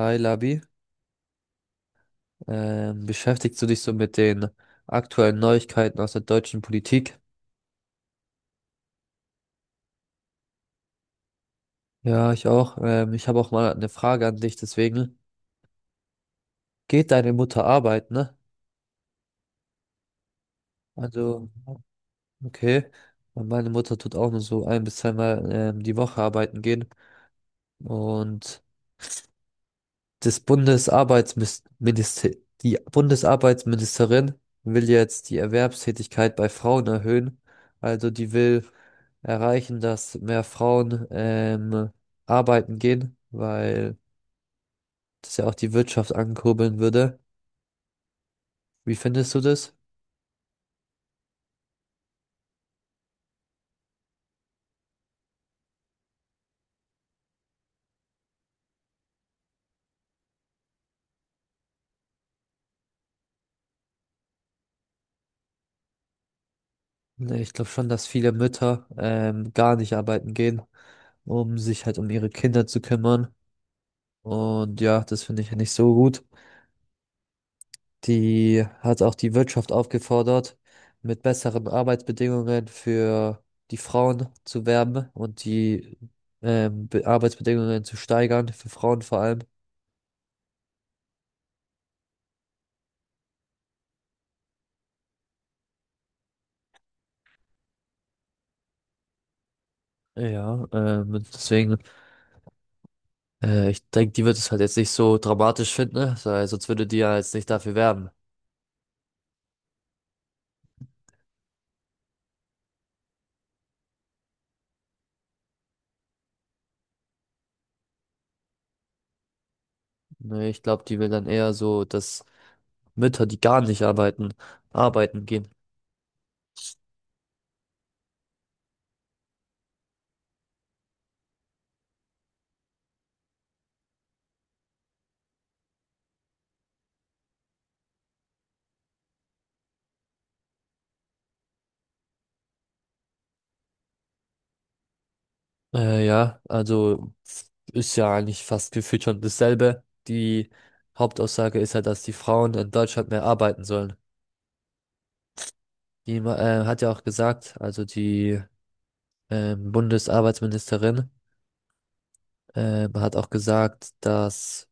Hi Labi, beschäftigst du dich so mit den aktuellen Neuigkeiten aus der deutschen Politik? Ja, ich auch. Ich habe auch mal eine Frage an dich, deswegen. Geht deine Mutter arbeiten, ne? Also, okay. Und meine Mutter tut auch nur so ein bis zweimal die Woche arbeiten gehen. Und das Bundesarbeitsminister, die Bundesarbeitsministerin will jetzt die Erwerbstätigkeit bei Frauen erhöhen. Also die will erreichen, dass mehr Frauen arbeiten gehen, weil das ja auch die Wirtschaft ankurbeln würde. Wie findest du das? Ne, ich glaube schon, dass viele Mütter gar nicht arbeiten gehen, um sich halt um ihre Kinder zu kümmern. Und ja, das finde ich ja nicht so gut. Die hat auch die Wirtschaft aufgefordert, mit besseren Arbeitsbedingungen für die Frauen zu werben und die Arbeitsbedingungen zu steigern, für Frauen vor allem. Ja, deswegen, ich denke, die wird es halt jetzt nicht so dramatisch finden, ne? Weil sonst würde die ja jetzt nicht dafür werben. Nee, ich glaube, die will dann eher so, dass Mütter, die gar nicht arbeiten, arbeiten gehen. Ja, also ist ja eigentlich fast gefühlt schon dasselbe. Die Hauptaussage ist ja, dass die Frauen in Deutschland mehr arbeiten sollen. Die hat ja auch gesagt, also die Bundesarbeitsministerin hat auch gesagt, dass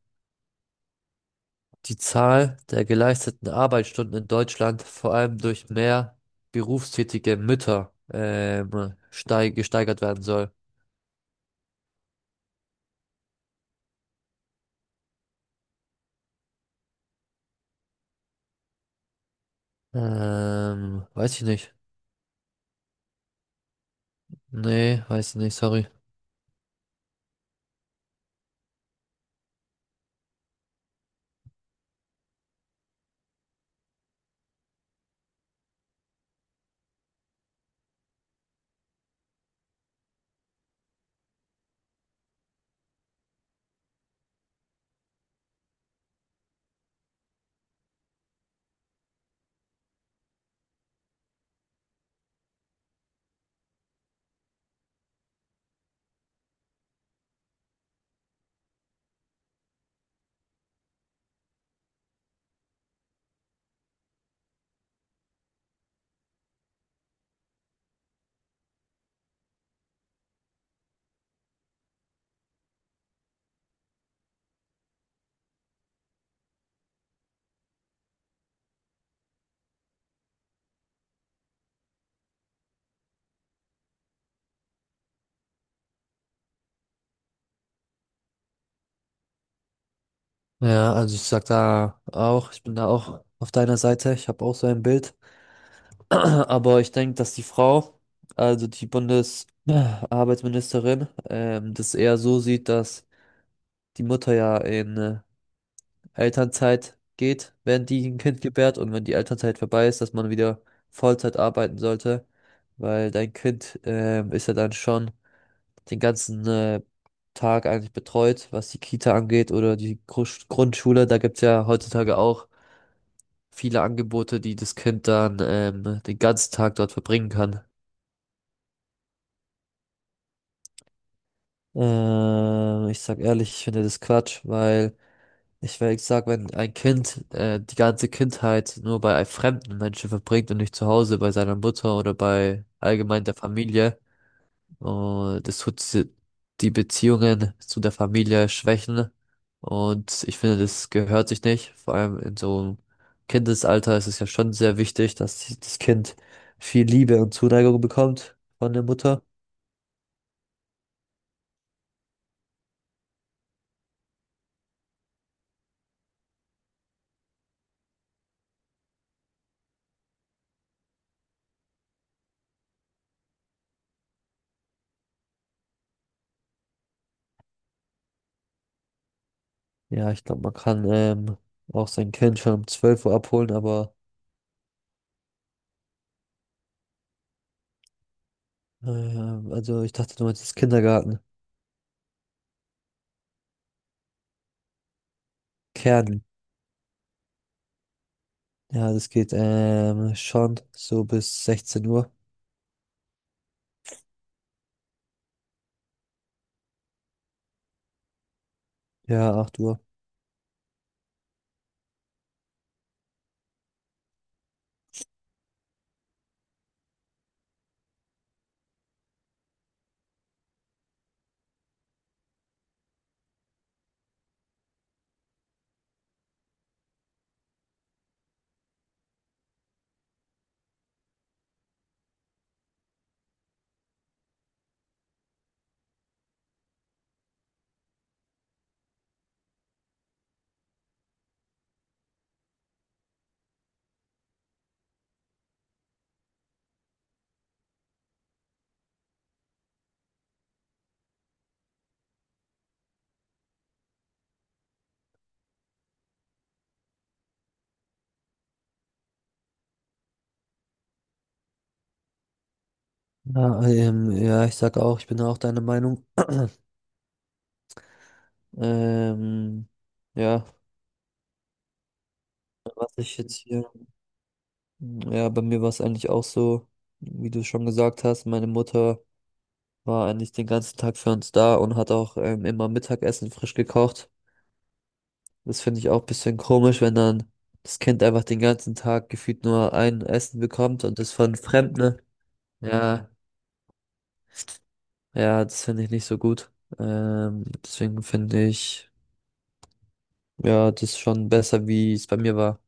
die Zahl der geleisteten Arbeitsstunden in Deutschland vor allem durch mehr berufstätige Mütter steig gesteigert werden soll. Weiß ich nicht. Nee, weiß ich nicht, sorry. Ja, also ich sag da auch, ich bin da auch auf deiner Seite. Ich habe auch so ein Bild. Aber ich denke, dass die Frau, also die Bundesarbeitsministerin, das eher so sieht, dass die Mutter ja in Elternzeit geht, wenn die ein Kind gebärt und wenn die Elternzeit vorbei ist, dass man wieder Vollzeit arbeiten sollte, weil dein Kind ist ja dann schon den ganzen Tag eigentlich betreut, was die Kita angeht oder die Grundschule. Da gibt's ja heutzutage auch viele Angebote, die das Kind dann den ganzen Tag dort verbringen kann. Ich sag ehrlich, ich finde das Quatsch, weil ich sag, wenn ein Kind die ganze Kindheit nur bei einem fremden Menschen verbringt und nicht zu Hause bei seiner Mutter oder bei allgemein der Familie. Und die Beziehungen zu der Familie schwächen. Und ich finde, das gehört sich nicht. Vor allem in so einem Kindesalter ist es ja schon sehr wichtig, dass das Kind viel Liebe und Zuneigung bekommt von der Mutter. Ja, ich glaube, man kann auch sein Kind schon um 12 Uhr abholen, aber also ich dachte, du meinst das Kindergarten. Kern. Ja, das geht schon so bis 16 Uhr. Ja, 8 Uhr. Ja, ja, ich sag auch, ich bin auch deiner Meinung. Ähm, ja, was ich jetzt hier, ja, bei mir war es eigentlich auch so, wie du schon gesagt hast, meine Mutter war eigentlich den ganzen Tag für uns da und hat auch immer Mittagessen frisch gekocht. Das finde ich auch ein bisschen komisch, wenn dann das Kind einfach den ganzen Tag gefühlt nur ein Essen bekommt und das von Fremden, ne? Ja, ja, das finde ich nicht so gut. Deswegen finde ich, ja, das schon besser, wie es bei mir war.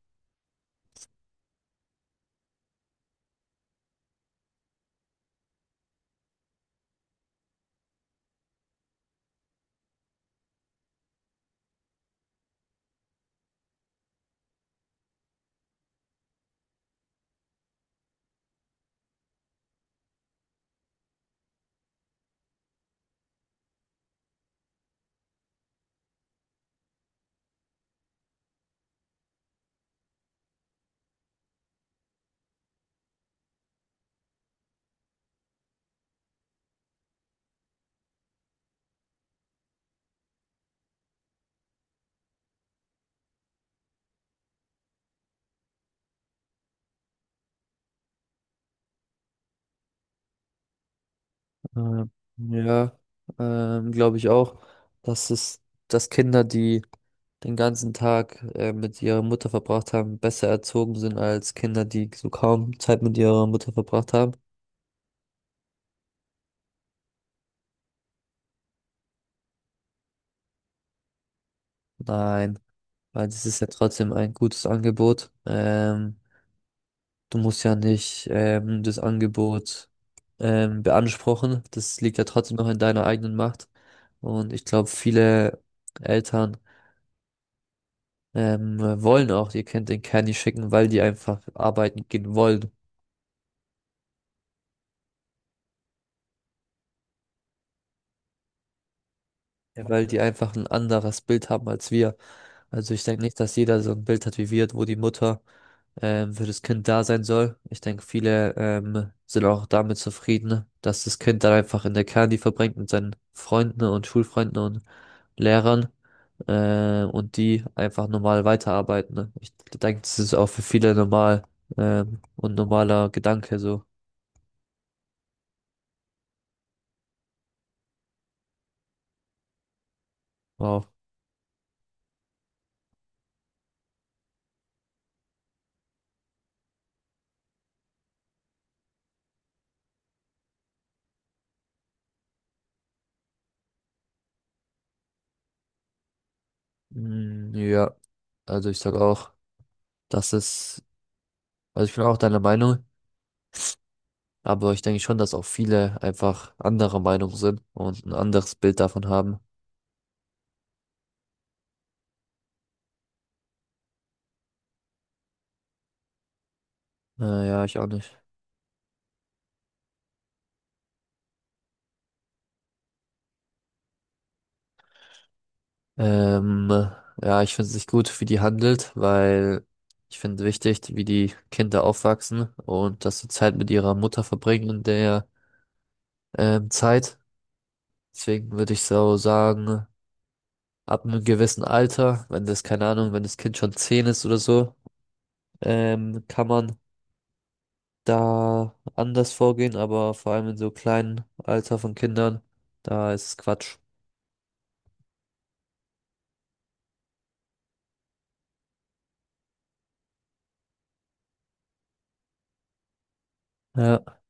Ähm, ja, glaube ich auch, dass es, dass Kinder, die den ganzen Tag mit ihrer Mutter verbracht haben, besser erzogen sind als Kinder, die so kaum Zeit mit ihrer Mutter verbracht haben. Nein, weil das ist ja trotzdem ein gutes Angebot. Du musst ja nicht das Angebot beanspruchen. Das liegt ja trotzdem noch in deiner eigenen Macht. Und ich glaube, viele Eltern wollen auch. Ihr könnt den Candy schicken, weil die einfach arbeiten gehen wollen. Ja. Weil die einfach ein anderes Bild haben als wir. Also ich denke nicht, dass jeder so ein Bild hat wie wir, wo die Mutter für das Kind da sein soll. Ich denke, viele sind auch damit zufrieden, dass das Kind dann einfach in der Candy verbringt mit seinen Freunden und Schulfreunden und Lehrern und die einfach normal weiterarbeiten, ne? Ich denke, das ist auch für viele normal und normaler Gedanke so. Wow. Mm, ja, also ich sag auch, dass es, also ich bin auch deiner Meinung, aber ich denke schon, dass auch viele einfach anderer Meinung sind und ein anderes Bild davon haben. Ja, ich auch nicht. Ähm, ja, ich finde es nicht gut, wie die handelt, weil ich finde wichtig, wie die Kinder aufwachsen und dass sie Zeit mit ihrer Mutter verbringen in der Zeit. Deswegen würde ich so sagen, ab einem gewissen Alter, wenn das, keine Ahnung, wenn das Kind schon 10 ist oder so, kann man da anders vorgehen, aber vor allem in so kleinen Alter von Kindern, da ist es Quatsch. Ja.